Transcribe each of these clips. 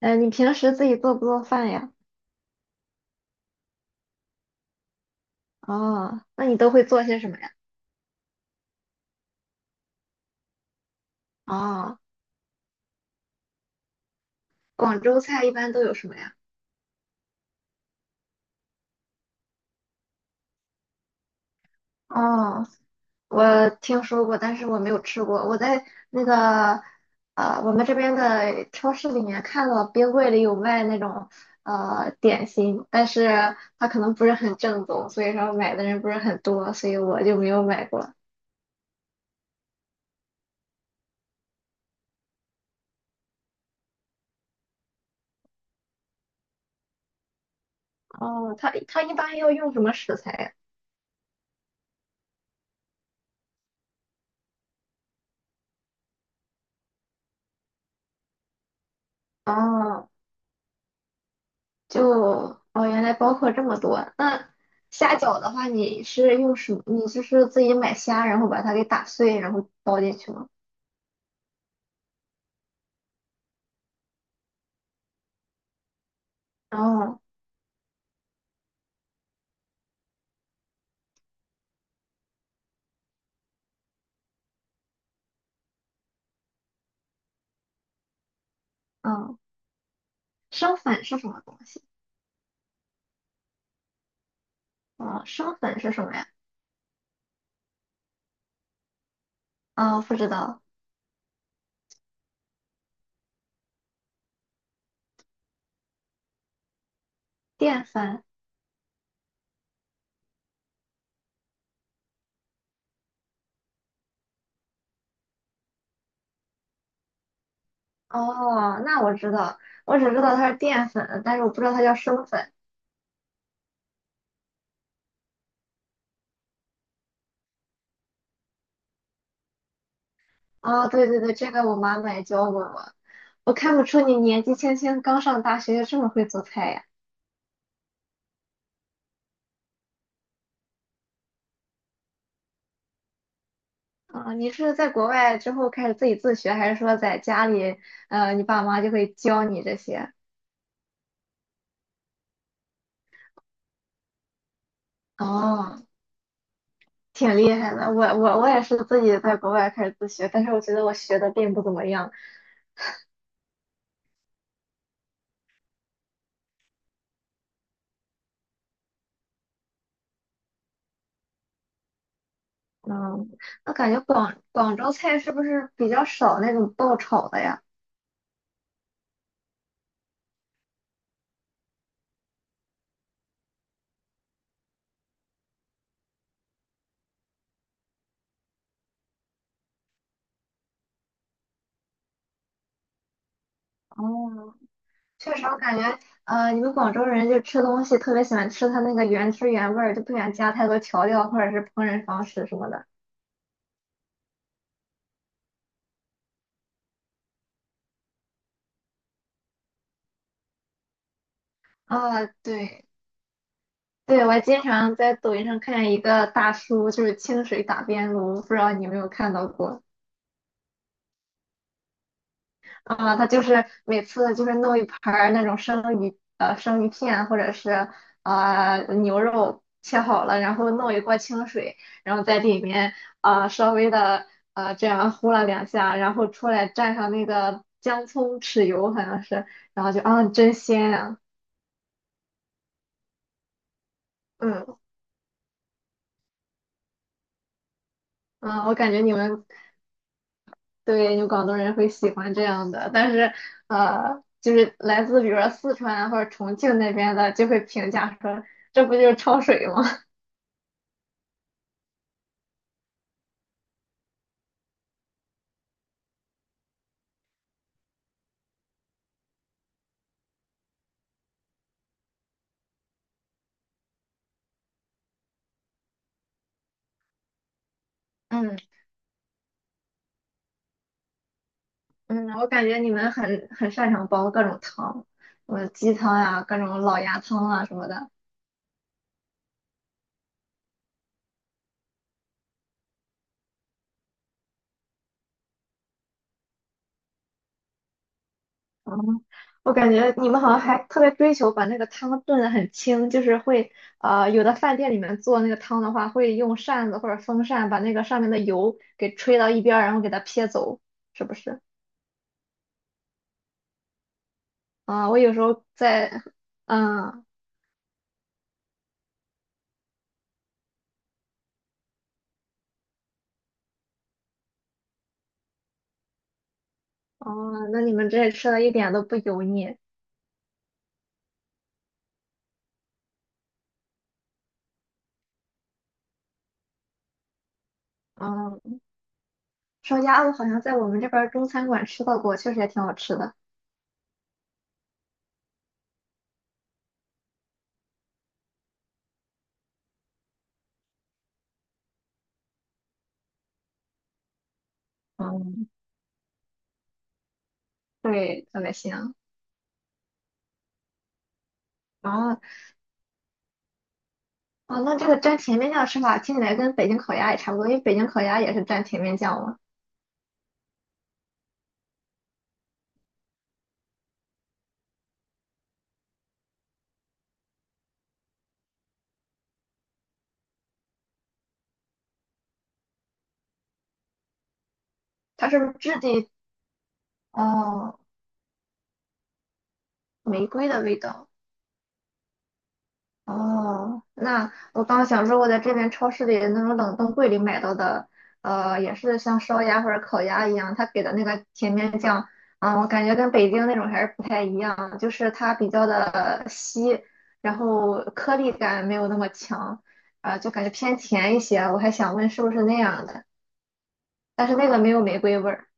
你平时自己做不做饭呀？哦，那你都会做些什么呀？哦，广州菜一般都有什么呀？哦，我听说过，但是我没有吃过。我在那个我们这边的超市里面看到冰柜里有卖那种点心，但是它可能不是很正宗，所以说买的人不是很多，所以我就没有买过。哦，它一般要用什么食材呀？哦。就哦，原来包括这么多。那虾饺的话，你是用什么？你就是自己买虾，然后把它给打碎，然后包进去吗？哦，嗯，生粉是什么东西？哦，生粉是什么呀？哦，不知道。淀粉。哦，那我知道，我只知道它是淀粉，但是我不知道它叫生粉。哦，对对对，这个我妈妈也教过我。我看不出你年纪轻轻刚上大学就这么会做菜呀。啊，你是在国外之后开始自己自学，还是说在家里，你爸妈就会教你这些？哦，挺厉害的。我也是自己在国外开始自学，但是我觉得我学的并不怎么样。嗯，那感觉广州菜是不是比较少那种爆炒的呀？哦，确实，我感觉，你们广州人就吃东西特别喜欢吃它那个原汁原味儿，就不喜欢加太多调料或者是烹饪方式什么的。啊，对，对，我还经常在抖音上看见一个大叔，就是清水打边炉，不知道你有没有看到过？他就是每次就是弄一盘儿那种生鱼，生鱼片或者是啊牛肉切好了，然后弄一锅清水，然后在里面稍微这样呼了两下，然后出来蘸上那个姜葱豉油好像是，然后就啊真鲜啊，嗯嗯，我感觉你们对，有广东人会喜欢这样的，但是就是来自比如说四川或者重庆那边的，就会评价说这不就是焯水吗？嗯嗯，我感觉你们很擅长煲各种汤，什么鸡汤呀、各种老鸭汤啊什么的。嗯，我感觉你们好像还特别追求把那个汤炖得很清，就是会有的饭店里面做那个汤的话，会用扇子或者风扇把那个上面的油给吹到一边儿，然后给它撇走，是不是？啊，我有时候在，嗯，哦，那你们这里吃的一点都不油腻。嗯，烧鸭子好像在我们这边儿中餐馆吃到过，确实也挺好吃的。嗯，对，特别香。啊，后，哦，那这个蘸甜面酱的吃法听起来跟北京烤鸭也差不多，因为北京烤鸭也是蘸甜面酱嘛。它是不是质地，哦，玫瑰的味道？哦，那我刚想说，我在这边超市里的那种冷冻柜里买到的，也是像烧鸭或者烤鸭一样，它给的那个甜面酱，我感觉跟北京那种还是不太一样，就是它比较的稀，然后颗粒感没有那么强，就感觉偏甜一些。我还想问是不是那样的，但是那个没有玫瑰味儿，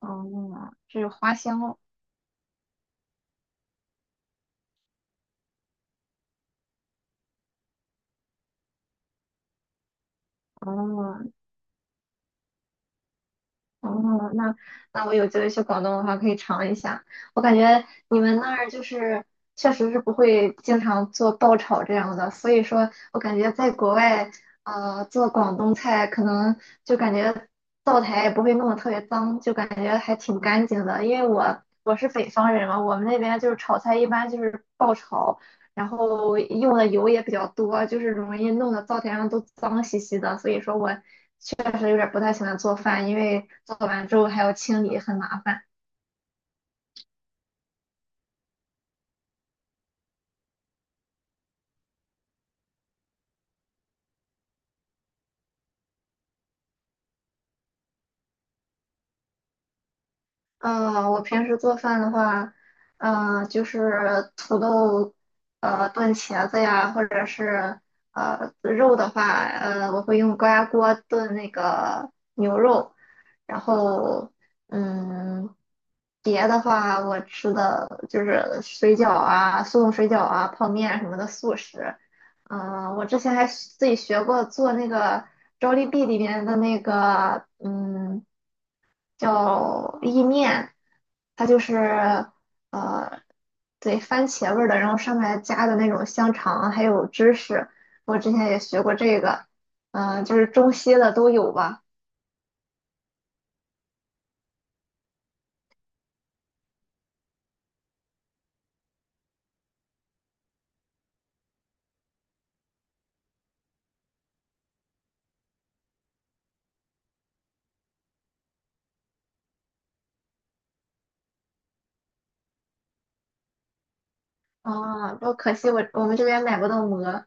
哦，只有花香味儿哦，哦，那那我有机会去广东的话，可以尝一下。我感觉你们那儿就是确实是不会经常做爆炒这样的，所以说我感觉在国外，做广东菜可能就感觉灶台也不会弄得特别脏，就感觉还挺干净的。因为我是北方人嘛，我们那边就是炒菜一般就是爆炒，然后用的油也比较多，就是容易弄得灶台上都脏兮兮的。所以说我确实有点不太喜欢做饭，因为做完之后还要清理，很麻烦。嗯，我平时做饭的话，嗯，就是土豆，炖茄子呀，或者是肉的话，我会用高压锅炖那个牛肉，然后嗯，别的话，我吃的就是水饺啊、速冻水饺啊、泡面什么的速食。嗯，我之前还自己学过做那个 JOLB 里面的那个嗯。叫意面，它就是呃，对，番茄味儿的，然后上面加的那种香肠还有芝士，我之前也学过这个，就是中西的都有吧，不过可惜我们这边买不到馍，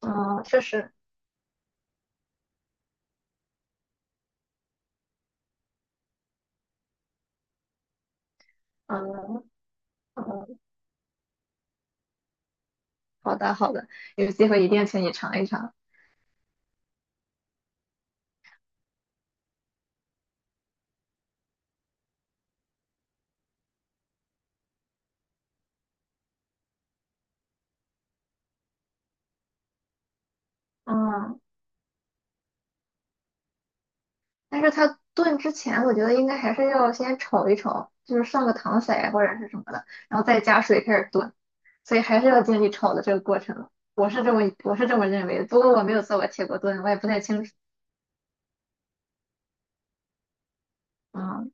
嗯、确实，嗯嗯，好的好的，有机会一定请你尝一尝，嗯，但是它炖之前，我觉得应该还是要先炒一炒，就是上个糖色呀或者是什么的，然后再加水开始炖。所以还是要经历炒的这个过程。我是这么认为的，不过我没有做过铁锅炖，我也不太清楚。嗯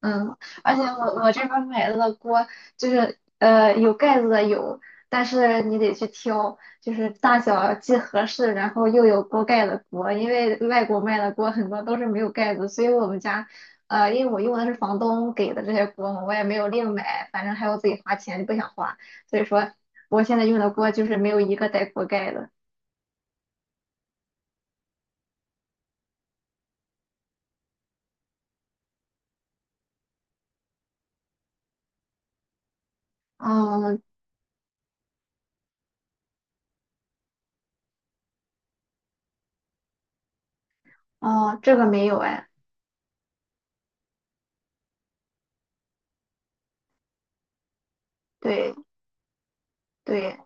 嗯，而且我这边买的锅就是有盖子的有，但是你得去挑，就是大小既合适，然后又有锅盖的锅，因为外国卖的锅很多都是没有盖子，所以我们家因为我用的是房东给的这些锅嘛，我也没有另买，反正还要自己花钱，不想花，所以说我现在用的锅就是没有一个带锅盖的。嗯，哦，这个没有哎，对对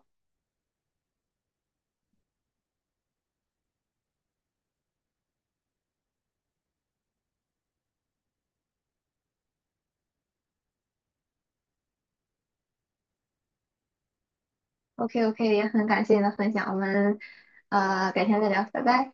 ，OK OK,也很感谢你的分享，我们改天再聊，拜拜。